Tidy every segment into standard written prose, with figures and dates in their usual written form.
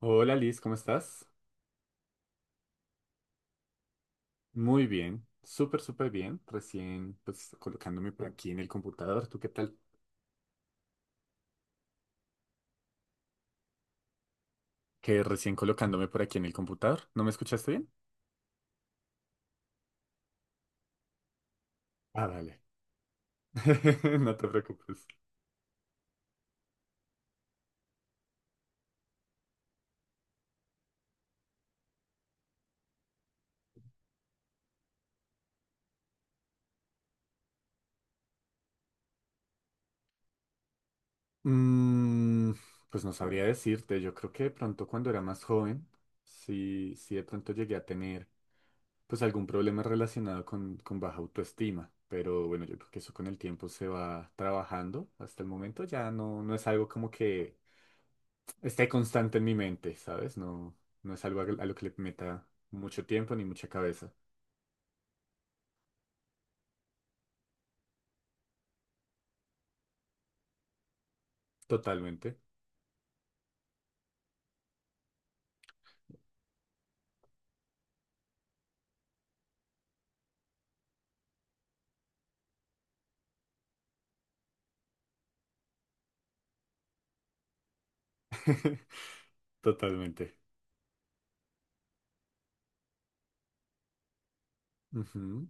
Hola Liz, ¿cómo estás? Muy bien, súper, súper bien. Recién pues colocándome por aquí en el computador. ¿Tú qué tal? Que recién colocándome por aquí en el computador. ¿No me escuchaste bien? Ah, vale. No te preocupes. Mm, pues no sabría decirte. Yo creo que de pronto cuando era más joven, sí, sí de pronto llegué a tener pues algún problema relacionado con baja autoestima. Pero bueno, yo creo que eso con el tiempo se va trabajando. Hasta el momento ya no, no es algo como que esté constante en mi mente, ¿sabes? No, no es algo a lo que le meta mucho tiempo ni mucha cabeza. Totalmente. Totalmente. Ujú.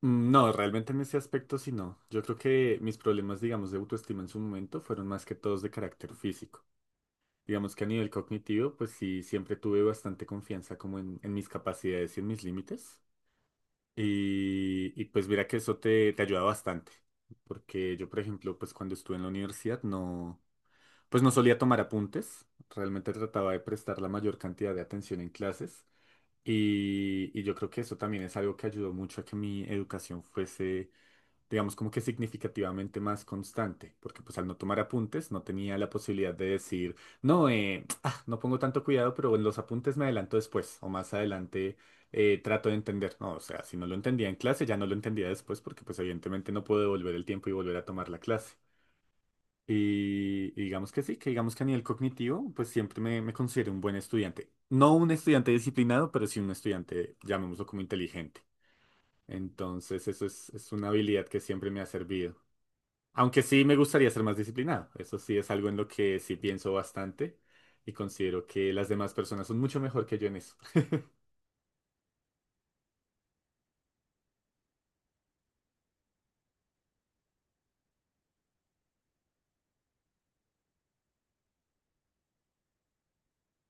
No, realmente en ese aspecto sí no. Yo creo que mis problemas, digamos, de autoestima en su momento fueron más que todos de carácter físico. Digamos que a nivel cognitivo, pues sí, siempre tuve bastante confianza como en mis capacidades y en mis límites. Y pues mira que eso te ayuda bastante. Porque yo, por ejemplo, pues cuando estuve en la universidad no... Pues no solía tomar apuntes, realmente trataba de prestar la mayor cantidad de atención en clases y yo creo que eso también es algo que ayudó mucho a que mi educación fuese, digamos, como que significativamente más constante, porque pues al no tomar apuntes no tenía la posibilidad de decir, no, ah, no pongo tanto cuidado, pero en los apuntes me adelanto después o más adelante trato de entender, no, o sea, si no lo entendía en clase ya no lo entendía después porque pues evidentemente no puedo devolver el tiempo y volver a tomar la clase. Y digamos que sí, que digamos que a nivel cognitivo, pues siempre me considero un buen estudiante. No un estudiante disciplinado, pero sí un estudiante, llamémoslo como inteligente. Entonces, es una habilidad que siempre me ha servido. Aunque sí me gustaría ser más disciplinado. Eso sí es algo en lo que sí pienso bastante y considero que las demás personas son mucho mejor que yo en eso.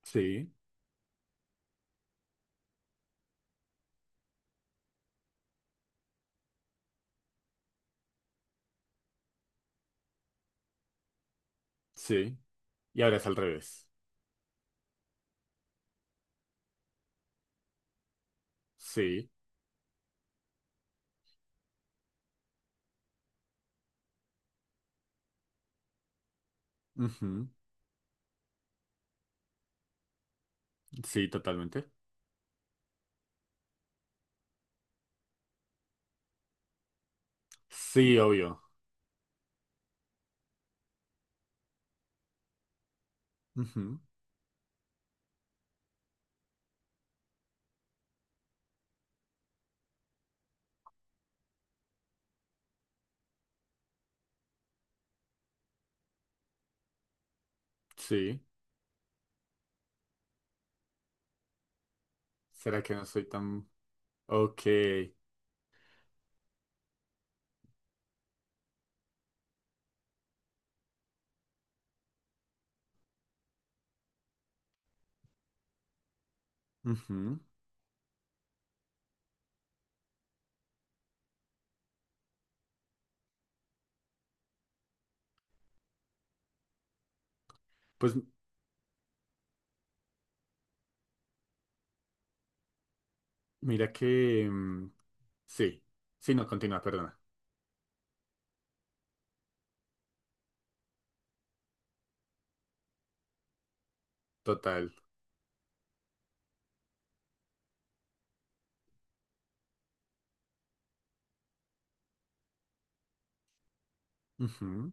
Sí, sí. Y ahora es al revés. Sí. Ujú. Sí, totalmente. Sí, obvio. Ujú. Sí. ¿Será que no soy tan... Ok. Ujú. Pues mira que... Sí. Sí, no, continúa, perdona. Total. Ujú.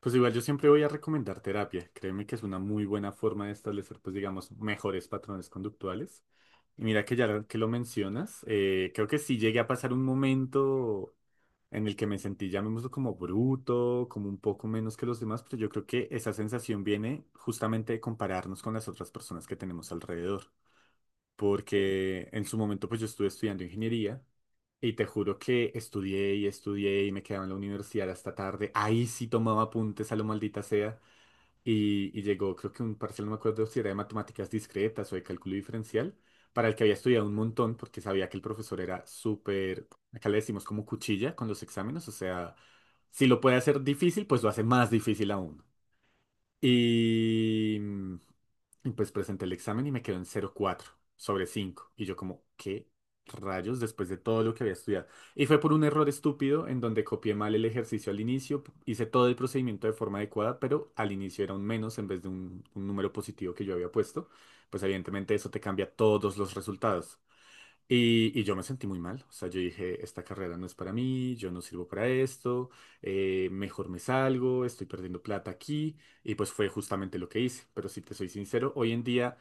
Pues igual yo siempre voy a recomendar terapia. Créeme que es una muy buena forma de establecer, pues digamos, mejores patrones conductuales. Y mira que ya que lo mencionas, creo que sí llegué a pasar un momento en el que me sentí, llamémoslo como bruto, como un poco menos que los demás, pero yo creo que esa sensación viene justamente de compararnos con las otras personas que tenemos alrededor. Porque en su momento pues yo estuve estudiando ingeniería y te juro que estudié y estudié y me quedaba en la universidad hasta tarde. Ahí sí tomaba apuntes a lo maldita sea y llegó creo que un parcial, no me acuerdo si era de matemáticas discretas o de cálculo diferencial, para el que había estudiado un montón porque sabía que el profesor era súper, acá le decimos como cuchilla con los exámenes, o sea, si lo puede hacer difícil pues lo hace más difícil aún. Y, mm, y pues presenté el examen y me quedó en cero coma cuatro sobre cinco. Y yo como, ¿qué rayos después de todo lo que había estudiado? Y fue por un error estúpido en donde copié mal el ejercicio al inicio, hice todo el procedimiento de forma adecuada, pero al inicio era un menos en vez de un número positivo que yo había puesto. Pues evidentemente eso te cambia todos los resultados. Y yo me sentí muy mal, o sea, yo dije, esta carrera no es para mí, yo no sirvo para esto, mejor me salgo, estoy perdiendo plata aquí, y pues fue justamente lo que hice, pero si te soy sincero, hoy en día,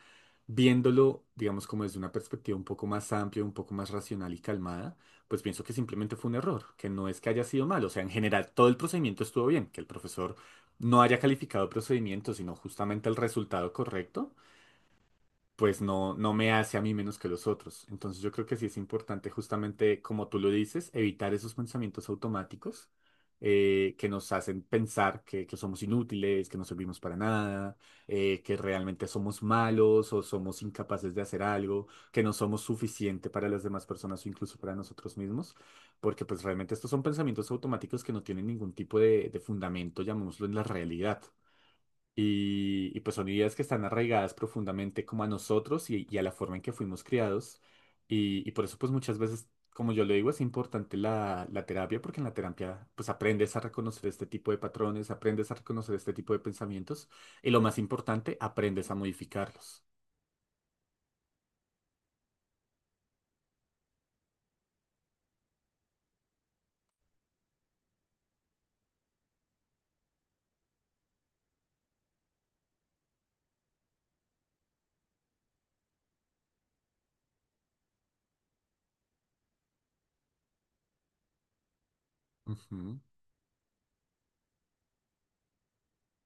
viéndolo, digamos, como desde una perspectiva un poco más amplia, un poco más racional y calmada, pues pienso que simplemente fue un error, que no es que haya sido mal, o sea, en general todo el procedimiento estuvo bien, que el profesor no haya calificado el procedimiento, sino justamente el resultado correcto pues no, no me hace a mí menos que los otros. Entonces yo creo que sí es importante justamente, como tú lo dices, evitar esos pensamientos automáticos que nos hacen pensar que somos inútiles, que no servimos para nada, que realmente somos malos o somos incapaces de hacer algo, que no somos suficiente para las demás personas o incluso para nosotros mismos, porque pues realmente estos son pensamientos automáticos que no tienen ningún tipo de fundamento, llamémoslo en la realidad. Y pues son ideas que están arraigadas profundamente como a nosotros y a la forma en que fuimos criados. Y por eso pues muchas veces, como yo lo digo, es importante la terapia porque en la terapia pues aprendes a reconocer este tipo de patrones, aprendes a reconocer este tipo de pensamientos y lo más importante, aprendes a modificarlos. Ujú.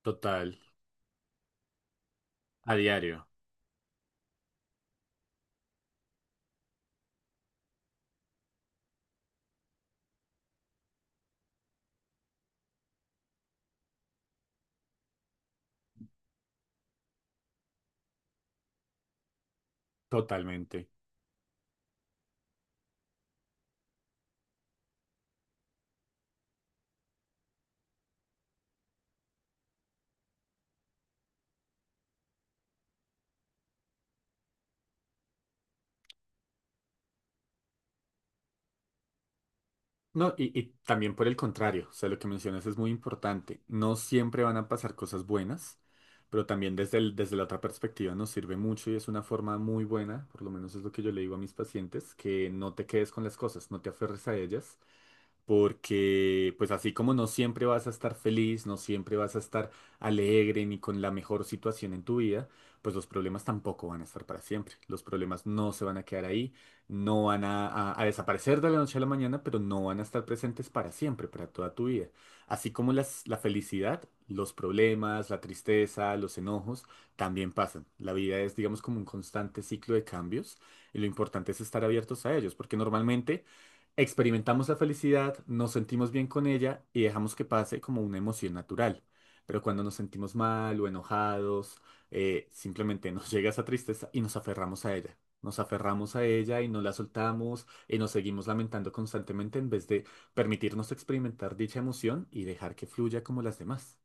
Total, a diario, totalmente. No, y también por el contrario, o sea, lo que mencionas es muy importante. No siempre van a pasar cosas buenas, pero también desde la otra perspectiva nos sirve mucho y es una forma muy buena, por lo menos es lo que yo le digo a mis pacientes, que no te quedes con las cosas, no te aferres a ellas, porque pues así como no siempre vas a estar feliz, no siempre vas a estar alegre ni con la mejor situación en tu vida, pues los problemas tampoco van a estar para siempre. Los problemas no se van a quedar ahí, no van a desaparecer de la noche a la mañana, pero no van a estar presentes para siempre, para toda tu vida. Así como la felicidad, los problemas, la tristeza, los enojos, también pasan. La vida es, digamos, como un constante ciclo de cambios y lo importante es estar abiertos a ellos, porque normalmente... Experimentamos la felicidad, nos sentimos bien con ella y dejamos que pase como una emoción natural. Pero cuando nos sentimos mal o enojados, simplemente nos llega esa tristeza y nos aferramos a ella. Nos aferramos a ella y no la soltamos y nos seguimos lamentando constantemente en vez de permitirnos experimentar dicha emoción y dejar que fluya como las demás.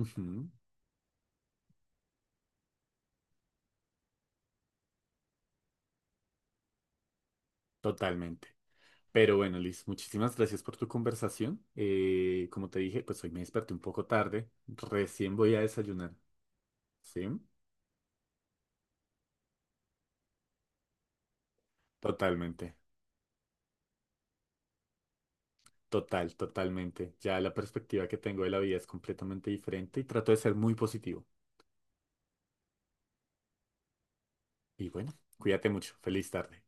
Ujú, totalmente. Pero bueno, Liz, muchísimas gracias por tu conversación. Como te dije, pues hoy me desperté un poco tarde. Recién voy a desayunar. ¿Sí? Totalmente, total, totalmente. Ya la perspectiva que tengo de la vida es completamente diferente y trato de ser muy positivo. Y bueno, cuídate mucho. Feliz tarde.